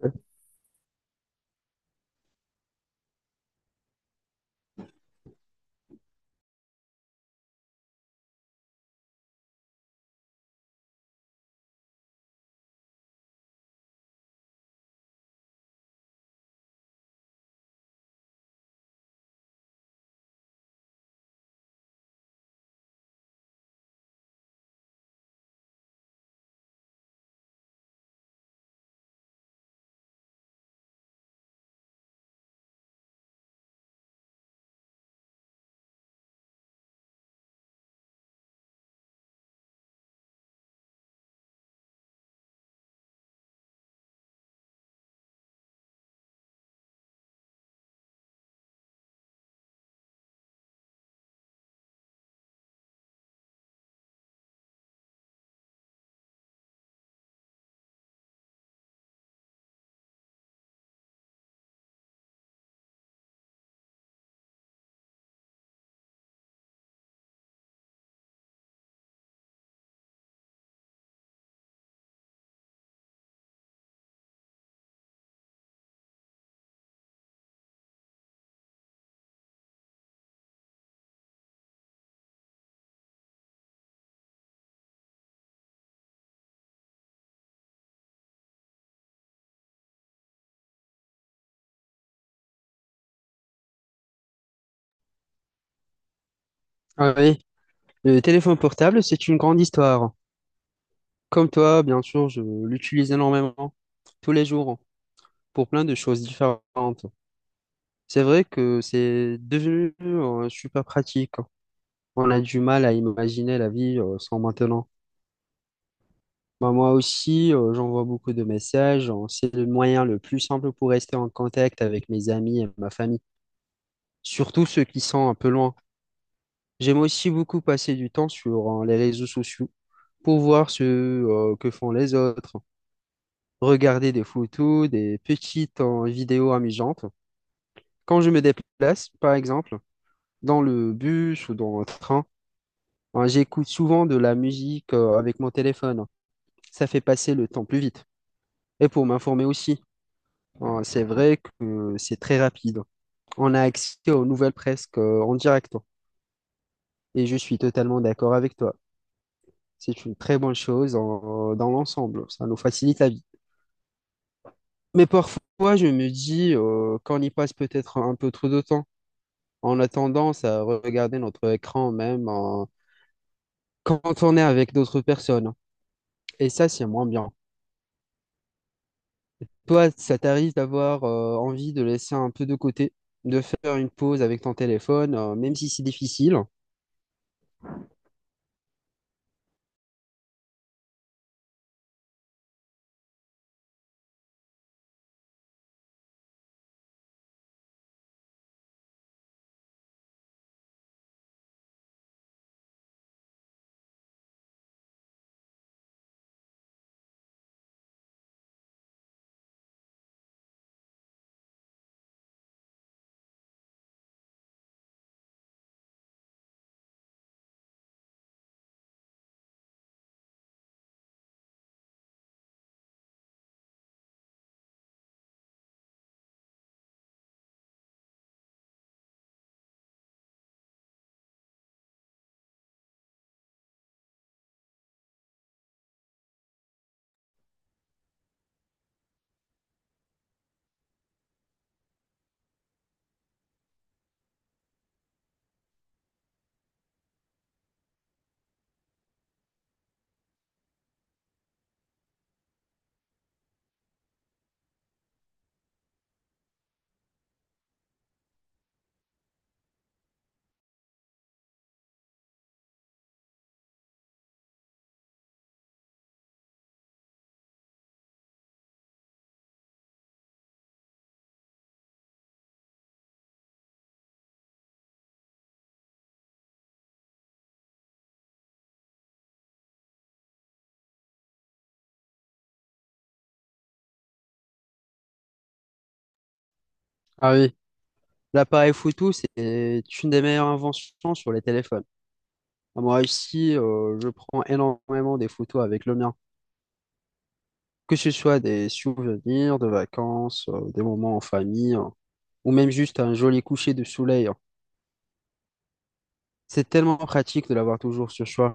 Sure. Ah oui, le téléphone portable, c'est une grande histoire. Comme toi, bien sûr, je l'utilise énormément, tous les jours, pour plein de choses différentes. C'est vrai que c'est devenu super pratique, hein. On a du mal à imaginer la vie sans maintenant. Bah, moi aussi, j'envoie beaucoup de messages, hein. C'est le moyen le plus simple pour rester en contact avec mes amis et ma famille, surtout ceux qui sont un peu loin. J'aime aussi beaucoup passer du temps sur les réseaux sociaux pour voir ce que font les autres, hein. Regarder des photos, des petites vidéos amusantes. Quand je me déplace, par exemple, dans le bus ou dans le train, hein, j'écoute souvent de la musique avec mon téléphone, hein. Ça fait passer le temps plus vite. Et pour m'informer aussi, hein, c'est vrai que c'est très rapide. On a accès aux nouvelles presque en direct, hein. Et je suis totalement d'accord avec toi. C'est une très bonne chose dans l'ensemble. Ça nous facilite la vie. Mais parfois, je me dis qu'on y passe peut-être un peu trop de temps. On a tendance à regarder notre écran même quand on est avec d'autres personnes, hein. Et ça, c'est moins bien. Toi, ça t'arrive d'avoir envie de laisser un peu de côté, de faire une pause avec ton téléphone, même si c'est difficile. Ah oui, l'appareil photo, c'est une des meilleures inventions sur les téléphones. Ah, moi ici, je prends énormément des photos avec le mien, que ce soit des souvenirs de vacances, des moments en famille, hein, ou même juste un joli coucher de soleil, hein. C'est tellement pratique de l'avoir toujours sur soi.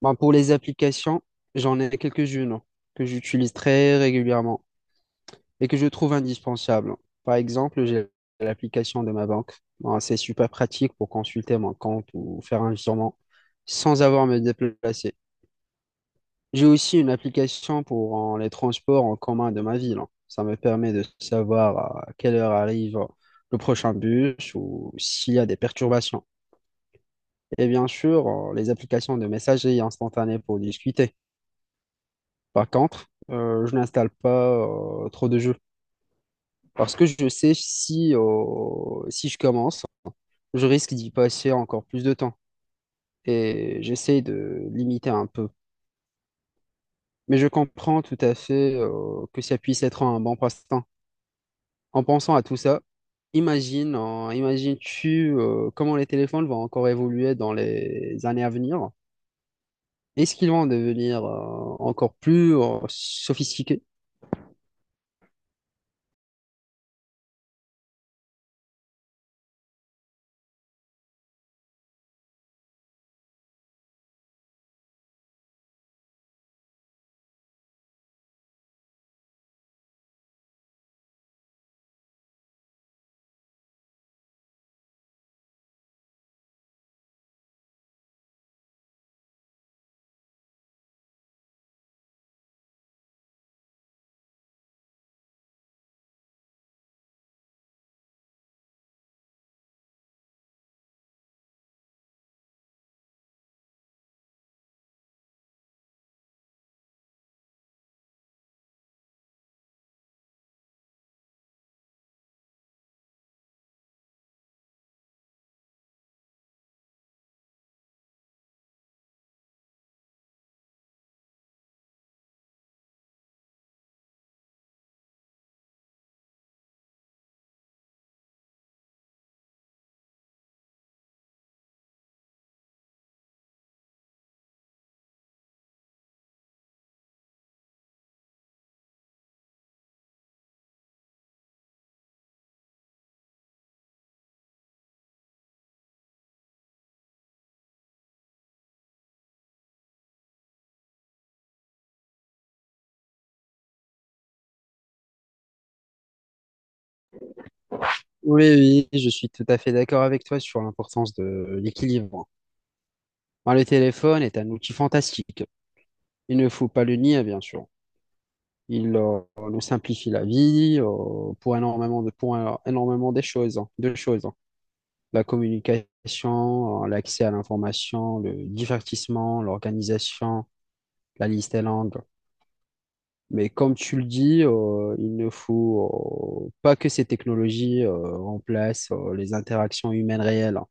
Ben, pour les applications, j'en ai quelques-unes, hein, que j'utilise très régulièrement et que je trouve indispensable. Par exemple, j'ai l'application de ma banque. Bon, c'est super pratique pour consulter mon compte ou faire un virement sans avoir à me déplacer. J'ai aussi une application pour les transports en commun de ma ville. Ça me permet de savoir à quelle heure arrive le prochain bus ou s'il y a des perturbations. Et bien sûr, les applications de messagerie instantanée pour discuter. Par contre, je n'installe pas trop de jeux, parce que je sais si, si je commence, je risque d'y passer encore plus de temps. Et j'essaye de limiter un peu. Mais je comprends tout à fait, que ça puisse être un bon passe-temps. En pensant à tout ça, imagines-tu, comment les téléphones vont encore évoluer dans les années à venir? Est-ce qu'ils vont devenir, encore plus, sophistiqués? Oui, oui, je suis tout à fait d'accord avec toi sur l'importance de l'équilibre. Ben, le téléphone est un outil fantastique. Il ne faut pas le nier, bien sûr. Il nous simplifie la vie pour énormément des choses, hein, de choses, hein. La communication, l'accès à l'information, le divertissement, l'organisation, la liste est longue. Mais comme tu le dis, il ne faut pas que ces technologies remplacent les interactions humaines réelles, hein.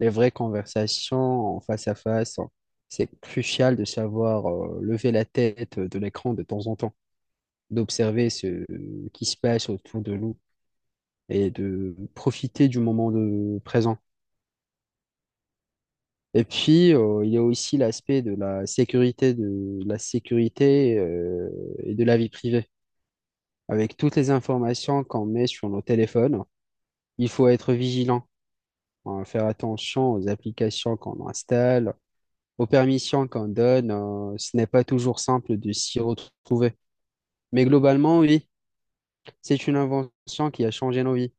Les vraies conversations en face à face, hein, c'est crucial de savoir lever la tête de l'écran de temps en temps, d'observer ce qui se passe autour de nous et de profiter du moment de présent. Et puis, il y a aussi l'aspect de la sécurité, et de la vie privée. Avec toutes les informations qu'on met sur nos téléphones, il faut être vigilant, hein, faire attention aux applications qu'on installe, aux permissions qu'on donne, ce n'est pas toujours simple de s'y retrouver. Mais globalement, oui, c'est une invention qui a changé nos vies,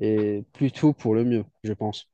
et plutôt pour le mieux, je pense.